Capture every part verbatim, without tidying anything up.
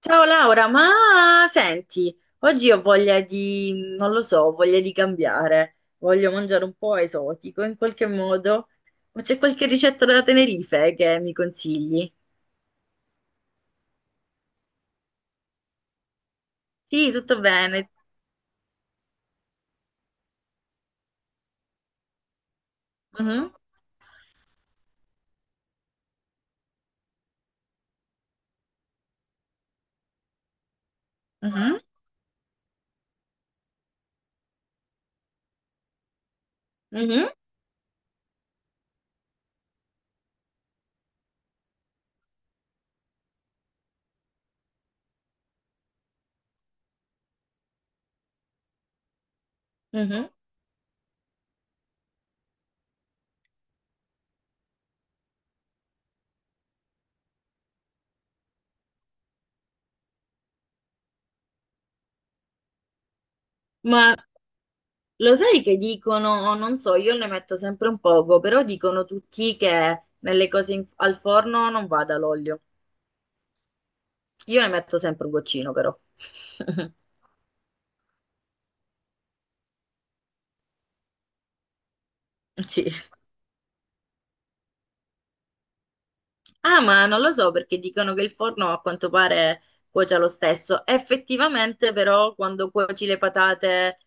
Ciao Laura, ma senti, oggi ho voglia di, non lo so, ho voglia di cambiare, voglio mangiare un po' esotico in qualche modo, ma c'è qualche ricetta da Tenerife che mi consigli? Sì, tutto bene. Mhm. Mhm. Mhm. Mhm. Ma lo sai che dicono, non so, io ne metto sempre un poco, però dicono tutti che nelle cose in- al forno non vada l'olio. Io ne metto sempre un goccino però. Sì. Ah, ma non lo so perché dicono che il forno a quanto pare cuocia lo stesso. Effettivamente, però, quando cuoci le patate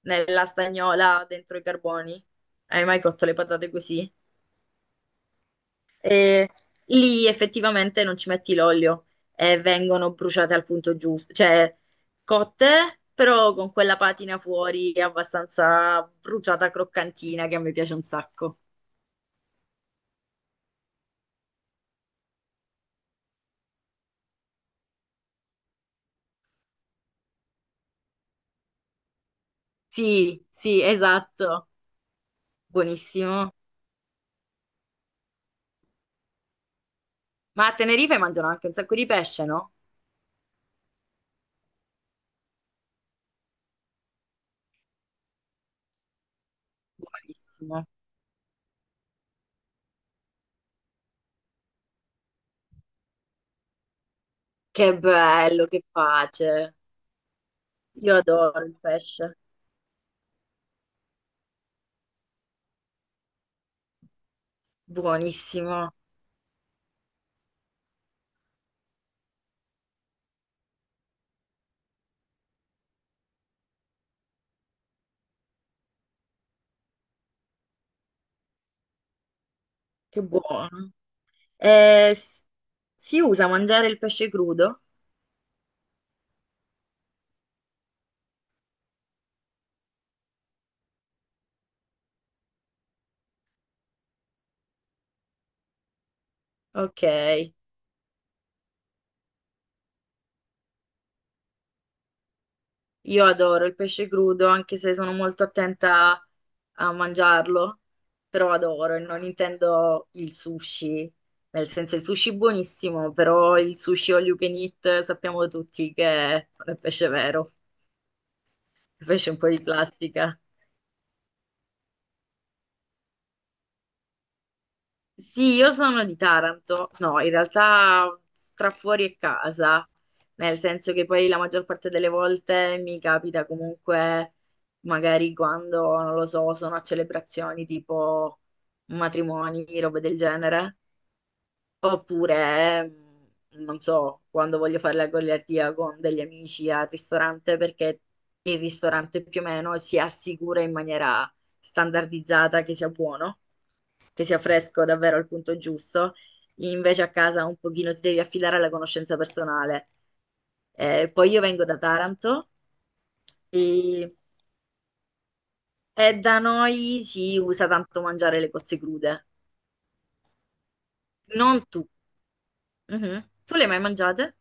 nella stagnola dentro i carboni, hai mai cotto le patate così? E lì effettivamente non ci metti l'olio e vengono bruciate al punto giusto, cioè cotte, però con quella patina fuori abbastanza bruciata croccantina che a me piace un sacco. Sì, sì, esatto. Buonissimo. Ma a Tenerife mangiano anche un sacco di pesce, no? Buonissimo. Che bello, che pace. Io adoro il pesce. Buonissimo, che buono. Eh, s- si usa mangiare il pesce crudo? Ok, io adoro il pesce crudo, anche se sono molto attenta a mangiarlo, però adoro e non intendo il sushi. Nel senso, il sushi è buonissimo, però il sushi all you can eat sappiamo tutti che non è pesce vero. Fece un po' di plastica. Sì, io sono di Taranto. No, in realtà tra fuori e casa, nel senso che poi la maggior parte delle volte mi capita comunque, magari quando, non lo so, sono a celebrazioni tipo matrimoni, robe del genere. Oppure, mm, non so, quando voglio fare la goliardia con degli amici al ristorante, perché il ristorante più o meno si assicura in maniera standardizzata che sia buono, che sia fresco davvero al punto giusto. Invece a casa un pochino ti devi affidare alla conoscenza personale. Eh, poi io vengo da Taranto e, e da noi si usa tanto mangiare le cozze crude. Non tu. Mhm. Tu le hai mai mangiate?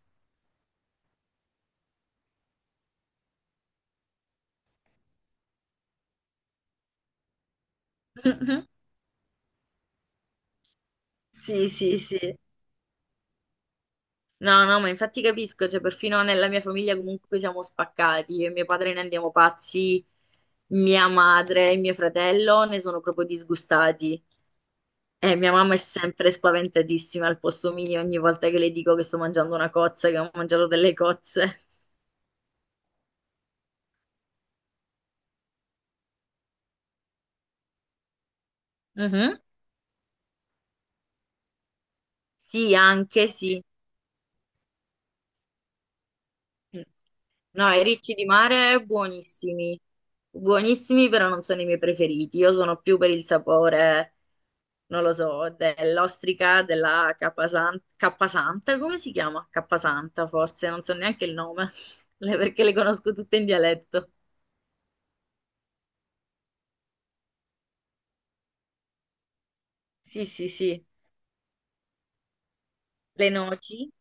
Sì, sì, sì. No, no, ma infatti capisco, cioè perfino nella mia famiglia comunque siamo spaccati, io e mio padre ne andiamo pazzi, mia madre e mio fratello ne sono proprio disgustati e mia mamma è sempre spaventatissima al posto mio ogni volta che le dico che sto mangiando una cozza, che ho mangiato delle cozze. Mhm. Sì, anche sì. No, i ricci di mare buonissimi, buonissimi però non sono i miei preferiti, io sono più per il sapore. Non lo so, dell'ostrica della Capasan- Cappasanta, come si chiama? Cappasanta, forse, non so neanche il nome, le- perché le conosco tutte in dialetto. Sì, sì, sì, le noci,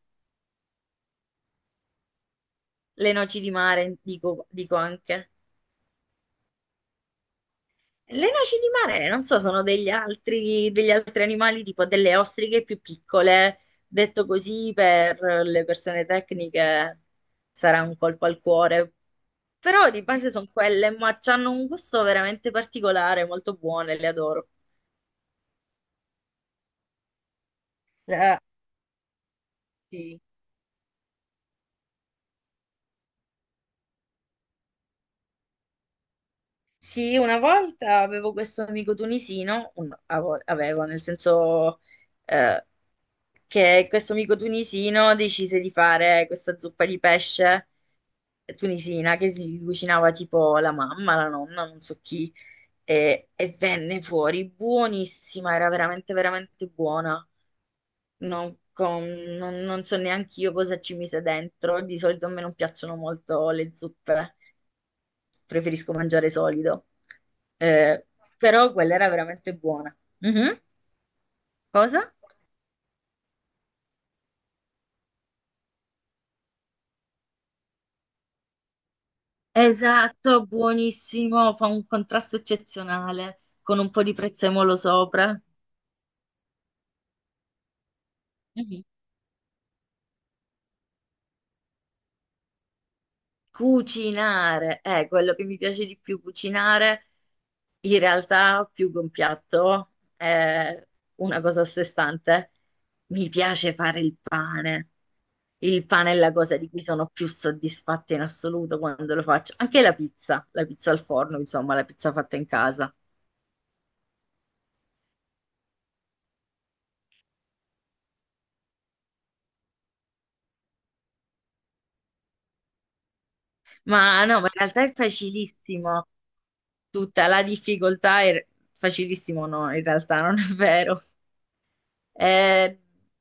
le noci di mare, dico, dico anche. Le noci di mare, non so, sono degli altri, degli altri animali, tipo delle ostriche più piccole, detto così per le persone tecniche sarà un colpo al cuore. Però di base sono quelle, ma hanno un gusto veramente particolare, molto buone, le adoro. Eh sì. Sì, una volta avevo questo amico tunisino, un- avo- avevo, nel senso eh, che questo amico tunisino decise di fare questa zuppa di pesce tunisina che si cucinava tipo la mamma, la nonna, non so chi, e, e venne fuori buonissima, era veramente, veramente buona. Non, con- non- non so neanche io cosa ci mise dentro. Di solito a me non piacciono molto le zuppe, preferisco mangiare solido. Eh, Però quella era veramente buona. Mhm. Cosa? Esatto, buonissimo, fa un contrasto eccezionale con un po' di prezzemolo sopra. Cucinare è quello che mi piace di più cucinare. In realtà, più che un piatto, è una cosa a sé stante. Mi piace fare il pane. Il pane è la cosa di cui sono più soddisfatta in assoluto quando lo faccio. Anche la pizza, la pizza al forno, insomma, la pizza fatta in casa. Ma no, ma in realtà è facilissimo. Tutta la difficoltà è facilissimo, no, in realtà non è vero. Eh,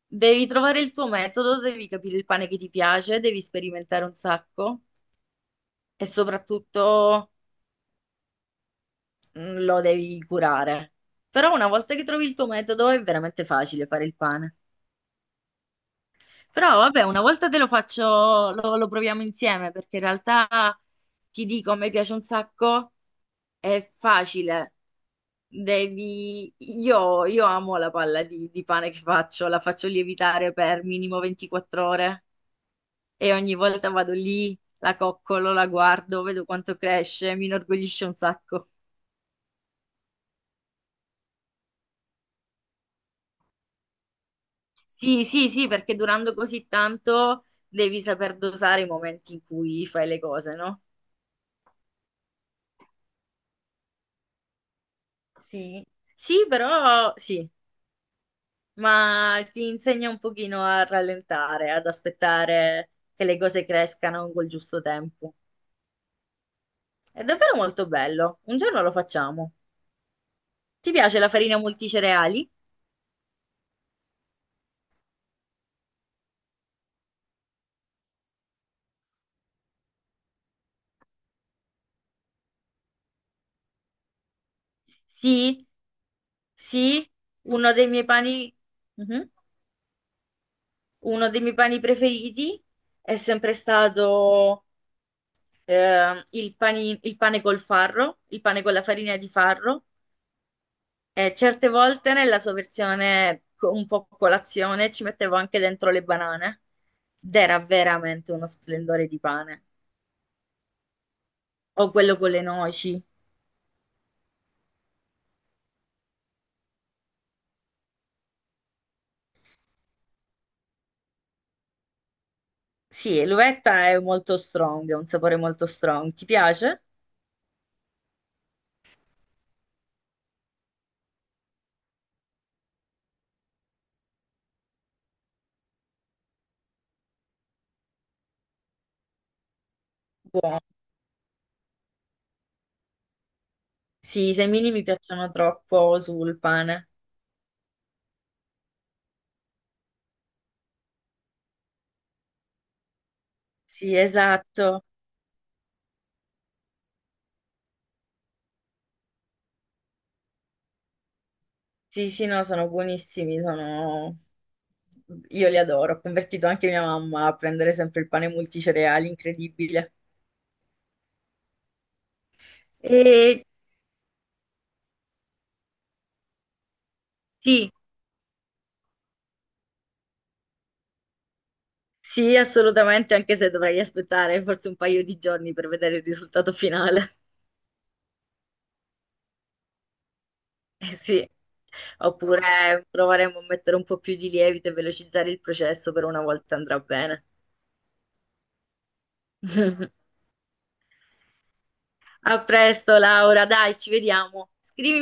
Devi trovare il tuo metodo, devi capire il pane che ti piace, devi sperimentare un sacco e soprattutto mm, lo devi curare. Però una volta che trovi il tuo metodo è veramente facile fare il pane. Però vabbè, una volta te lo faccio, lo, lo proviamo insieme perché in realtà ti dico, a me piace un sacco, è facile. Devi... Io, io amo la palla di, di pane che faccio, la faccio lievitare per minimo ventiquattro ore e ogni volta vado lì, la coccolo, la guardo, vedo quanto cresce, mi inorgoglisce un sacco. Sì, sì, sì, perché durando così tanto devi saper dosare i momenti in cui fai le cose, no? Sì. Sì, però sì, ma ti insegna un pochino a rallentare, ad aspettare che le cose crescano col giusto tempo. È davvero molto bello. Un giorno lo facciamo. Ti piace la farina multicereali? Sì, sì, uno dei miei pani. Mhm. Uno dei miei pani preferiti è sempre stato eh, il pani- il pane col farro, il pane con la farina di farro. E certe volte nella sua versione co- un po' colazione ci mettevo anche dentro le banane ed era veramente uno splendore di pane. O quello con le noci. Sì, l'uvetta è molto strong, è un sapore molto strong. Ti piace? Buono. Sì, i semini mi piacciono troppo sul pane. Sì, esatto. Sì, sì, no, sono buonissimi. sono... Io li adoro, ho convertito anche mia mamma a prendere sempre il pane multicereali, incredibile. E sì. Sì, assolutamente, anche se dovrei aspettare forse un paio di giorni per vedere il risultato finale. Eh sì, oppure proveremo a mettere un po' più di lievito e velocizzare il processo, per una volta andrà bene. A presto, Laura, dai, ci vediamo. Scrivimi